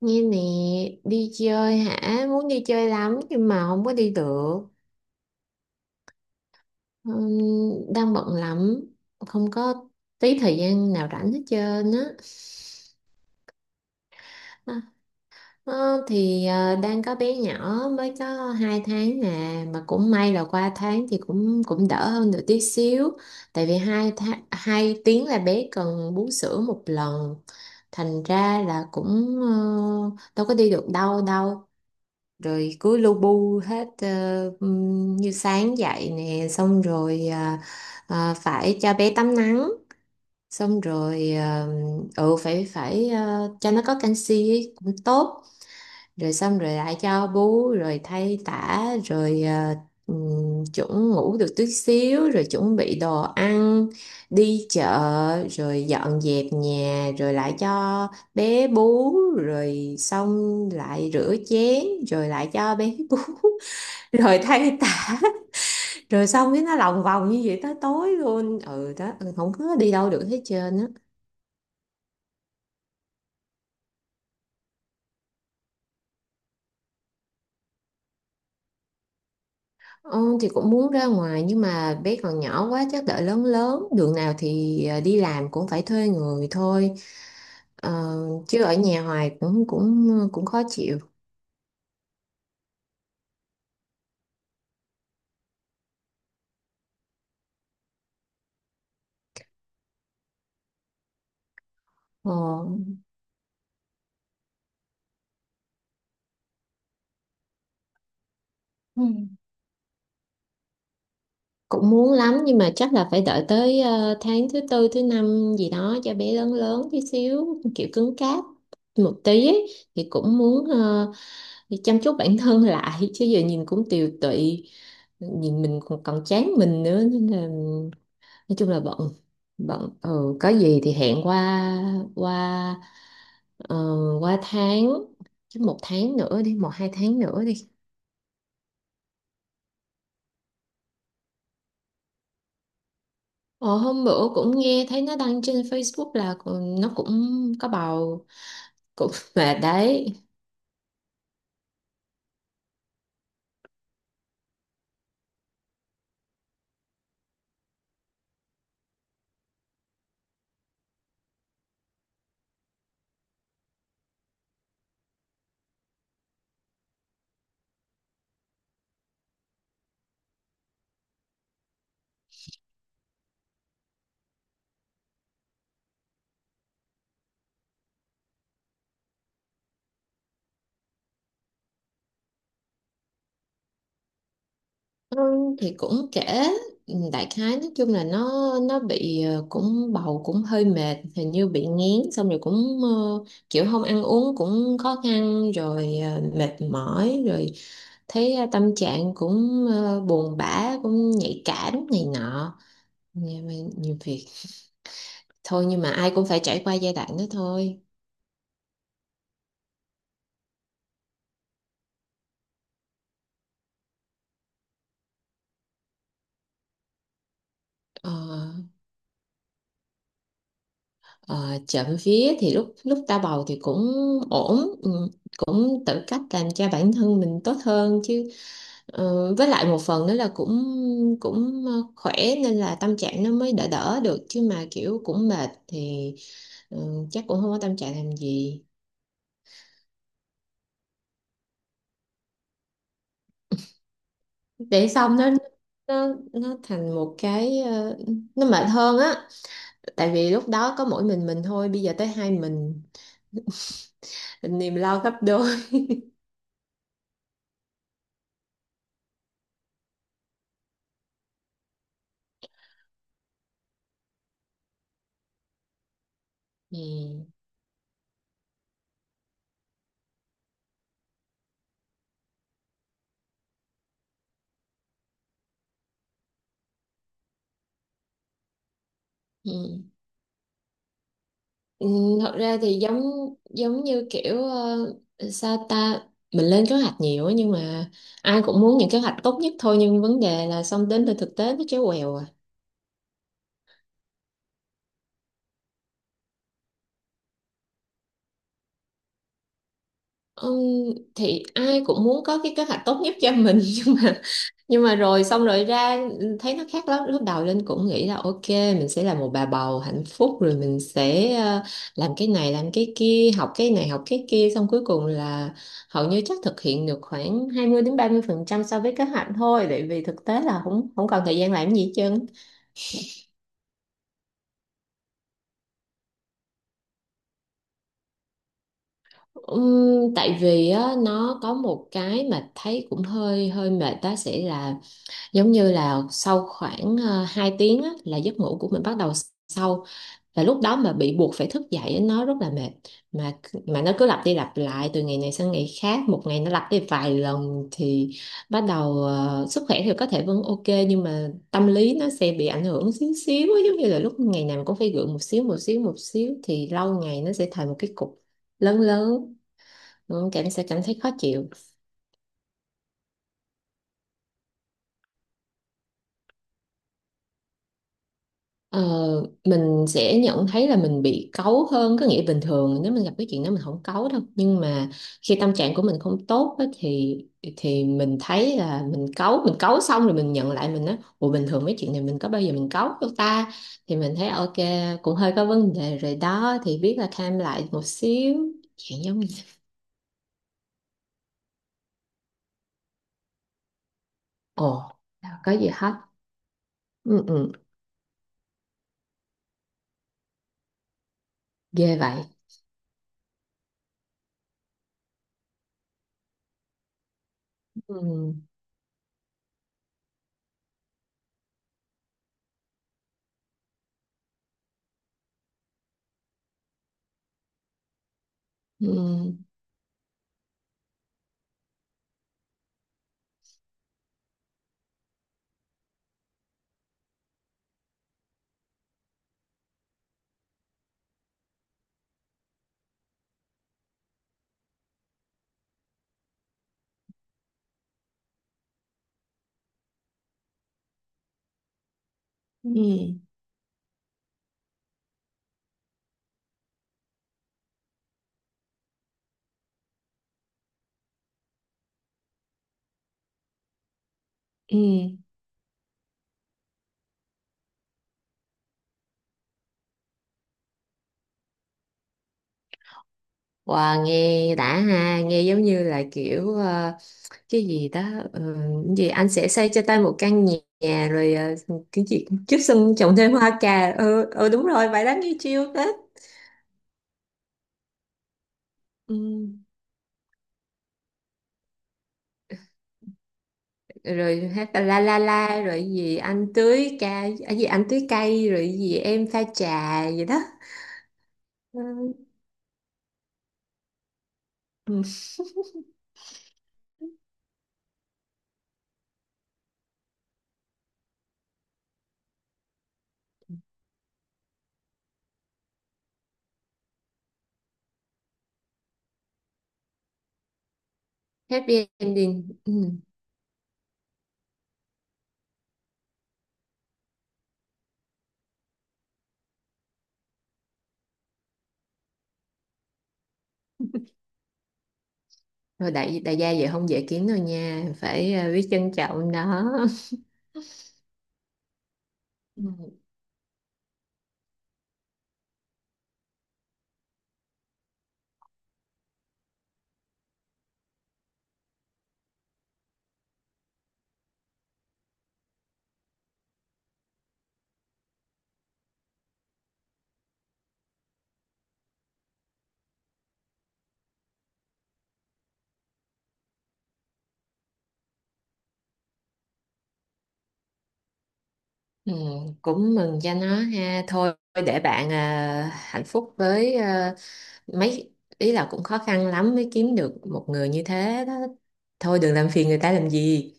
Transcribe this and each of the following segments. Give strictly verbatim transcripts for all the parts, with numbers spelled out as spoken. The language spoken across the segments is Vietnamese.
Nghe nè, đi chơi hả? Muốn đi chơi lắm nhưng mà không có đi được. Ừm, đang bận lắm, không có tí thời gian nào rảnh hết trơn á. À, ờ, thì ờ, đang có bé nhỏ mới có hai tháng nè, mà cũng may là qua tháng thì cũng cũng đỡ hơn được tí xíu. Tại vì hai tháng, hai tiếng là bé cần bú sữa một lần. Thành ra là cũng ờ, đâu có đi được đâu đâu rồi cứ lu bu hết ờ, ừm, như sáng dậy nè xong rồi à, à, phải cho bé tắm nắng xong rồi ờ, ừ phải phải ờ, cho nó có canxi ấy, cũng tốt rồi xong rồi lại cho bú rồi thay tã rồi ờ, ừm, chuẩn ngủ được tí xíu rồi chuẩn bị đồ ăn đi chợ rồi dọn dẹp nhà rồi lại cho bé bú rồi xong lại rửa chén rồi lại cho bé bú rồi thay tã rồi xong cái nó lòng vòng như vậy tới tối luôn, ừ đó, ừ, không có đi đâu được hết trơn á. Ừ, thì cũng muốn ra ngoài nhưng mà bé còn nhỏ quá, chắc đợi lớn lớn đường nào thì ờ, đi làm cũng phải thuê người thôi. Ờ, chứ ở nhà hoài cũng cũng ờ, cũng khó chịu. Ờ, ừ, cũng muốn lắm nhưng mà chắc là phải đợi tới ờ, tháng thứ tư thứ năm gì đó cho bé lớn lớn tí xíu kiểu cứng cáp một tí ấy, thì cũng muốn ờ, chăm chút bản thân lại chứ giờ nhìn cũng tiều tụy, nhìn mình còn, còn chán mình nữa nên là nói chung là bận, bận, ừ, có gì thì hẹn qua qua ờ, qua tháng, chứ một tháng nữa đi, một hai tháng nữa đi. ờ, Hôm bữa cũng nghe thấy nó đăng trên Facebook là còn- nó cũng có bầu cũng mà đấy. Ừ, thì cũng kể, ừ, đại khái nói chung là nó nó bị ờ, cũng bầu cũng hơi mệt, hình như bị nghén, xong rồi cũng ờ, kiểu không ăn uống cũng khó khăn, rồi ờ, mệt mỏi, rồi thấy ờ, tâm trạng cũng ờ, buồn bã, cũng nhạy cảm này nọ nhiều, nhiều việc thôi, nhưng mà ai cũng phải trải qua giai đoạn đó thôi. ờ, ờ, Trộm vía thì lúc lúc ta bầu thì cũng ổn, ừ, cũng tự cách làm cho bản thân mình tốt hơn chứ. Ờ, với lại một phần nữa là cũng cũng ờ, khỏe nên là tâm trạng nó mới đỡ đỡ được, chứ mà kiểu cũng mệt thì ừ, chắc cũng không có tâm trạng làm gì để xong nó nó nó thành một cái ờ, nó mệt hơn á, tại vì lúc đó có mỗi mình mình thôi, bây giờ tới hai mình, niềm lo gấp đôi. Ừ. Ừ. Ừ, thật ra thì giống giống như kiểu ờ, sao ta, mình lên kế hoạch nhiều á, nhưng mà ai cũng muốn những kế hoạch tốt nhất thôi, nhưng vấn đề là xong đến từ thực tế nó chéo quèo à. Ừm, thì ai cũng muốn có cái kế hoạch tốt nhất cho mình, nhưng mà nhưng mà rồi xong rồi ra, ừ, thấy nó khác lắm. Lúc đầu Linh cũng nghĩ là ok mình sẽ là một bà bầu hạnh phúc, rồi mình sẽ ờ, làm cái này làm cái kia, học cái này học cái kia, xong cuối cùng là hầu như chắc thực hiện được khoảng hai mươi đến ba mươi phần trăm so với kế hoạch thôi, tại vì thực tế là không không còn thời gian làm gì hết trơn. Ừm, tại vì á, nó có một cái mà thấy cũng hơi hơi mệt đó sẽ là, giống như là sau khoảng uh, hai tiếng á, là giấc ngủ của mình bắt đầu sâu, và lúc đó mà bị buộc phải thức dậy nó rất là mệt, mà mà nó cứ lặp đi lặp lại từ ngày này sang ngày khác, một ngày nó lặp đi vài lần thì bắt đầu ờ, sức khỏe thì có thể vẫn ok nhưng mà tâm lý nó sẽ bị ảnh hưởng xíu xíu á, giống như là lúc ngày nào cũng phải gượng một xíu một xíu một xíu thì lâu ngày nó sẽ thành một cái cục lớn lớn. Ừ, cảm sẽ cảm thấy khó chịu. Ờ, mình sẽ nhận thấy là mình bị cáu hơn, có nghĩa bình thường nếu mình gặp cái chuyện đó mình không cáu đâu, nhưng mà khi tâm trạng của mình không tốt á, thì thì mình thấy là mình cáu, mình cáu xong rồi mình nhận lại mình á, ủa bình thường mấy chuyện này mình có bao giờ mình cáu đâu ta, thì mình thấy ok, cũng hơi có vấn đề rồi đó thì biết là calm lại một xíu chuyện giống như. Ồ, đâu có gì hết. Ừ, ừ, ghê vậy. Ừ, ừ, ừ, ừ. Ừ. Wow, nghe đã ha, nghe giống như là kiểu ờ, cái gì đó, ờ, cái gì anh sẽ xây cho tôi một căn nhà, nhà, rồi ờ, cái gì trước sân trồng thêm hoa cà. Ừ, ừ đúng rồi, bài đó nghe chill tết. Ừ. Rồi hát là la la la rồi gì anh tưới cây, à, gì anh tưới cây rồi gì em pha trà gì đó. Ừ. Ừ, happy ending. Ừ. Rồi đại đại gia vậy không dễ kiếm đâu nha, phải ờ, biết trân trọng nó. Ừ. Ừ, cũng mừng cho nó ha, thôi để bạn à, hạnh phúc với à, mấy, ý là cũng khó khăn lắm mới kiếm được một người như thế đó, thôi đừng làm phiền người ta làm gì.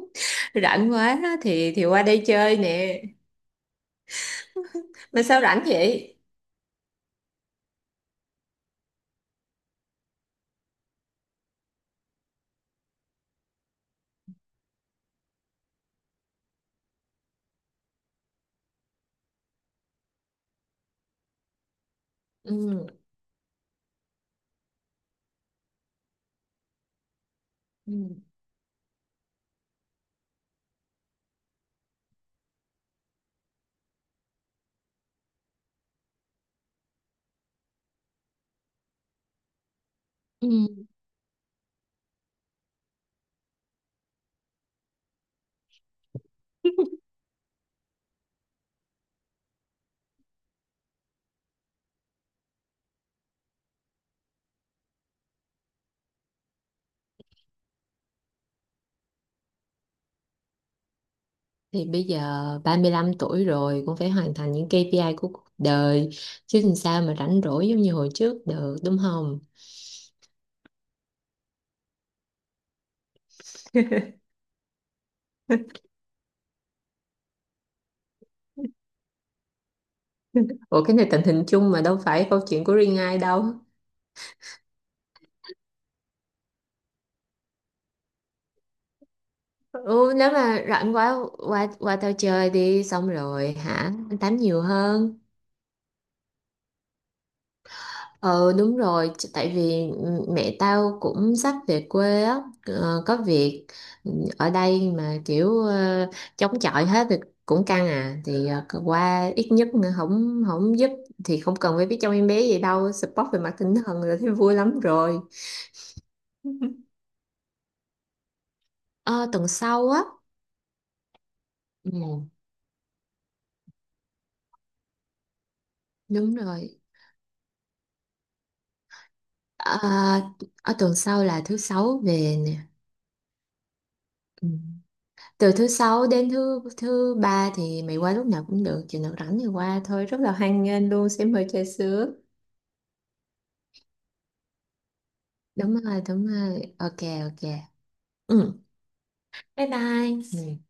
Rảnh quá thì thì qua đây chơi nè, mà sao rảnh vậy. Ừ. Ừ. Ừ. Thì bây giờ ba mươi lăm tuổi rồi cũng phải hoàn thành những kây pi ai của cuộc đời, chứ làm sao mà rảnh rỗi giống như hồi trước được, đúng không? Ủa cái này tình hình chung mà, đâu phải câu chuyện của riêng ai đâu. Ừ, nếu mà rảnh quá qua qua tao chơi đi, xong rồi hả, anh tám nhiều hơn. ờ Đúng rồi, ch- tại vì ừ, mẹ tao cũng sắp về quê á, ờ, có việc, ừ, ở đây mà kiểu ờ, chống chọi hết thì cũng căng à, thì ờ, cứ qua ít nhất nữa không không giúp thì không cần phải biết trong em bé gì đâu, support về mặt tinh thần là thấy vui lắm rồi. ờ, Tuần sau á. Ừ, đúng rồi. Ờ, ở tuần sau là thứ sáu về nè. Ừ. Từ thứ sáu đến thứ thứ ba thì mày qua lúc nào cũng được, chừng nào rảnh thì qua thôi, rất là hoan nghênh luôn, sẽ mời trà sữa. Đúng rồi, đúng rồi. Ok, ok. Ừ. Bye bye. Ừ.